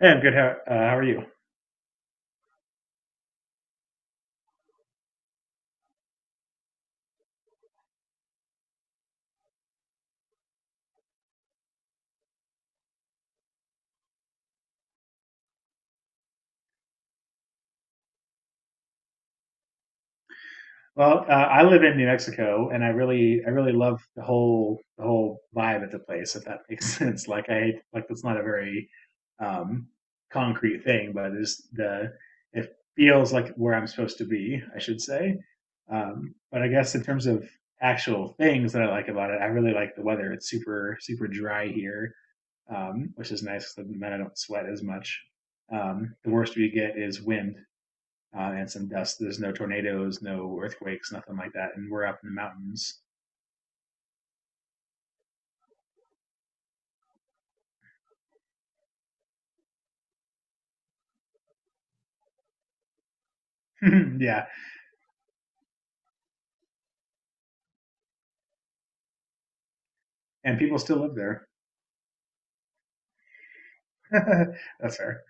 Hey, I'm good. How how are you? Well, I live in New Mexico, and I really love the whole vibe of the place. If that makes sense, like like that's not a very um, concrete thing. It feels like where I'm supposed to be, I should say. But I guess in terms of actual things that I like about it, I really like the weather. It's super dry here, which is nice, 'cause then I don't sweat as much. The worst we get is wind, and some dust. There's no tornadoes, no earthquakes, nothing like that. And we're up in the mountains. Yeah, and people still live there. That's fair.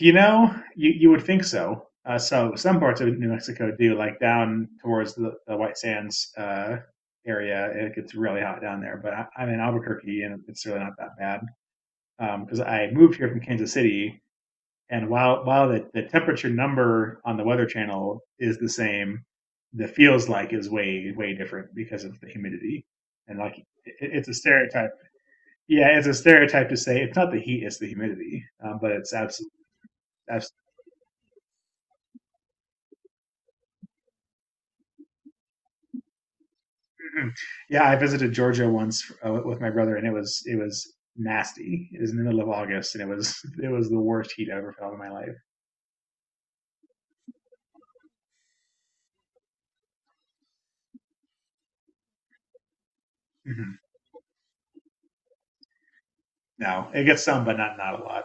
You know, you would think so. So some parts of New Mexico do, like down towards the White Sands area. It gets really hot down there, but I'm in Albuquerque and it's really not that bad. Because I moved here from Kansas City. And while the temperature number on the Weather Channel is the same, the feels like is way different because of the humidity. And it's a stereotype. Yeah, it's a stereotype to say it's not the heat, it's the humidity. But it's absolutely, absolutely. Yeah, I visited Georgia once with my brother, and it was nasty. It was in the middle of August, and it was it was the worst heat I ever felt in my life. Mhm. No, it gets some, but not a lot.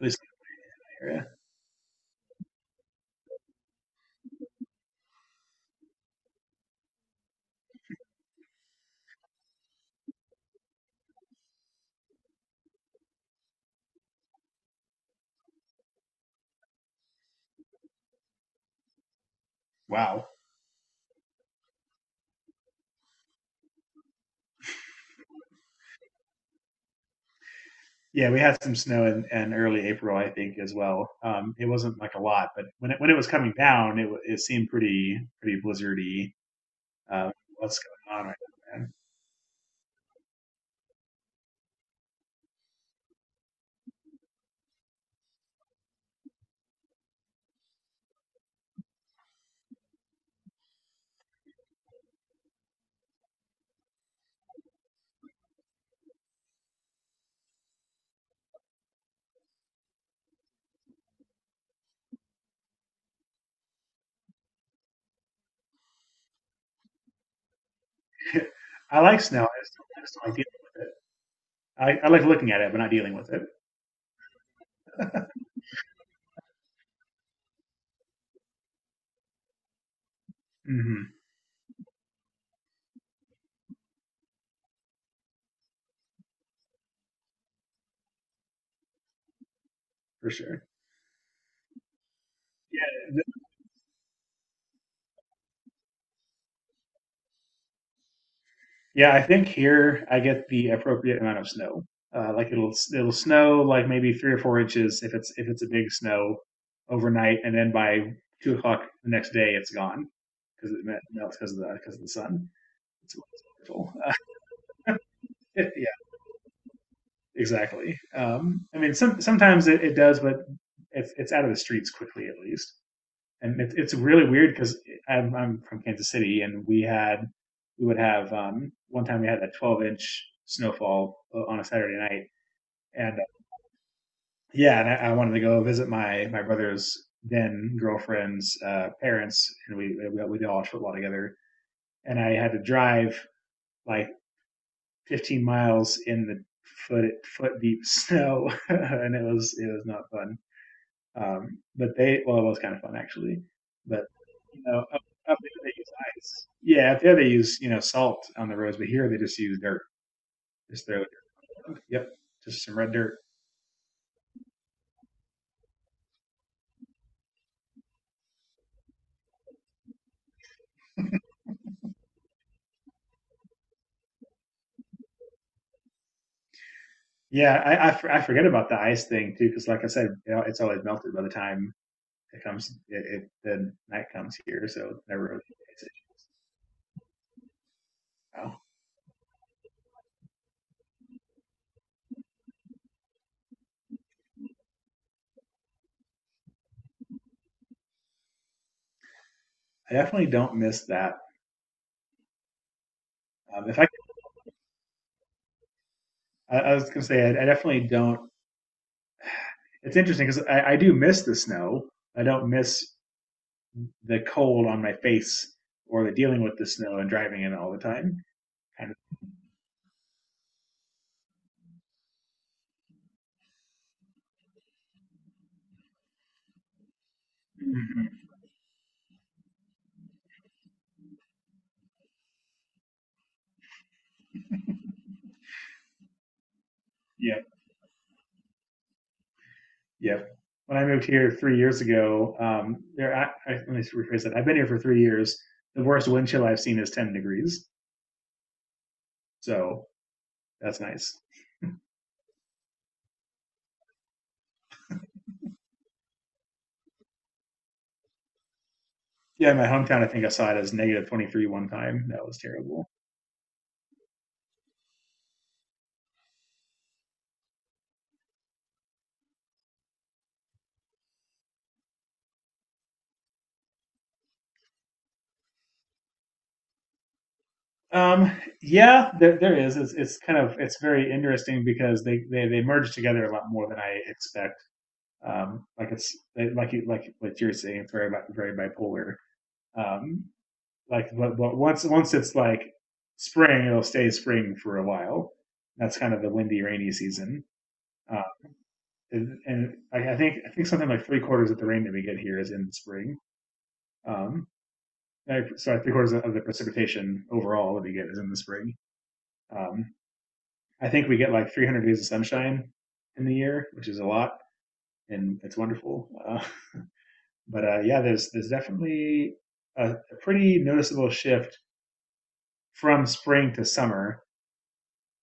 At least in the area. Wow. Yeah, we had some snow in early April, I think, as well. It wasn't like a lot, but when it was coming down, it seemed pretty blizzardy. Um, what's going on right now, man? I like snow. I just don't like dealing with it. I like looking at it, but not dealing with it. Hmm. For sure. Yeah. Yeah, I think here I get the appropriate amount of snow. Like it'll snow like maybe 3 or 4 inches if it's a big snow overnight, and then by 2 o'clock the next day it's gone because it melts because of the sun. It's wonderful. Yeah, exactly. I mean, sometimes it does, but it's out of the streets quickly at least. And it's really weird because I'm from Kansas City, and we would have one time we had a 12-inch snowfall on a Saturday night, and yeah, and I wanted to go visit my brother's then girlfriend's parents, and we did all watch football together, and I had to drive like 15 miles in the foot foot deep snow, and it was not fun. But they, well, it was kind of fun actually. But you know, up there they use ice. Yeah, up there they use, you know, salt on the roads, but here they just use dirt. Just throw dirt. Yep, just some red dirt. Yeah, I forget about the ice thing too, because like I said, you know, it's always melted by the time it comes. It The night comes here, so it's never really it's Wow. I definitely don't miss that. If I, I was gonna say, I definitely don't. It's interesting because I do miss the snow. I don't miss the cold on my face or the dealing with the snow and driving in all the time. Kind of. Mm-hmm. Yep. Yep. When I moved here 3 years ago, let me rephrase that. I've been here for 3 years. The worst wind chill I've seen is 10 degrees. So that's nice. Yeah, in my hometown, I think I saw it as negative 23 one time. That was terrible. Um, yeah, there is. It's kind of it's very interesting because they merge together a lot more than I expect. Like it's like you, like what you're saying, it's very bipolar. Um, but once it's like spring, it'll stay spring for a while. That's kind of the windy, rainy season. Uh, and I think something like three-quarters of the rain that we get here is in the spring. Um, like, so three-quarters of the precipitation overall that we get is in the spring. Um, I think we get like 300 days of sunshine in the year, which is a lot, and it's wonderful. But Yeah, there's definitely a pretty noticeable shift from spring to summer.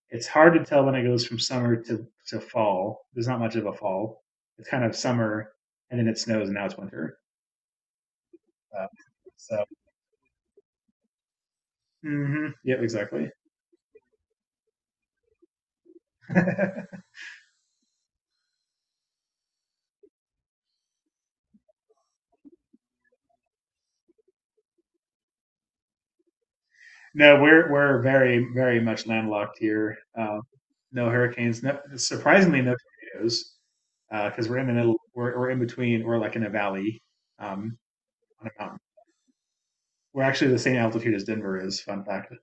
It's hard to tell when it goes from summer to fall. There's not much of a fall. It's kind of summer, and then it snows, and now it's winter. Uh, so, hmm. Yep, exactly. No, we're very much landlocked here. No hurricanes. No, surprisingly, no tornadoes because we're in the middle. We're in between. We're like in a valley um, on a mountain. We're actually the same altitude as Denver is. Fun fact.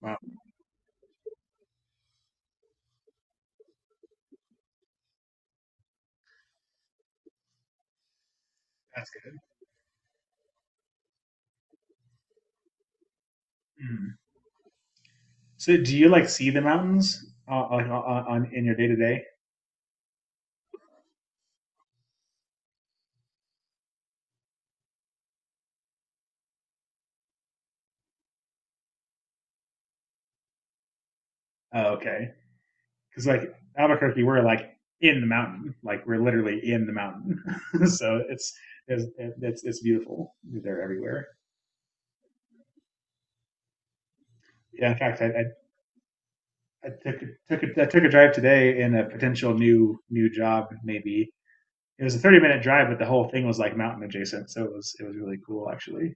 Wow, that's good. Hmm. So, do you like see the mountains on in your day to day? Oh, okay, because like Albuquerque, we're like in the mountain. Like we're literally in the mountain. So it's it's beautiful. They're everywhere. Yeah. In fact, I took took a, I took a drive today in a potential new job. Maybe it was a 30 minute drive, but the whole thing was like mountain adjacent. So it was really cool actually.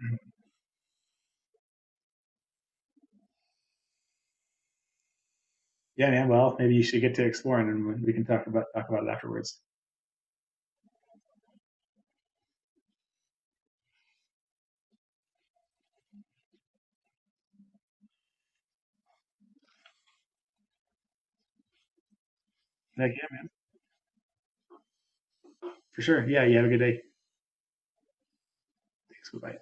Hmm. Yeah, man. Well, maybe you should get to exploring, and we can talk about it afterwards. Like, yeah, man, for sure. Yeah, you have a good day. Thanks. Bye.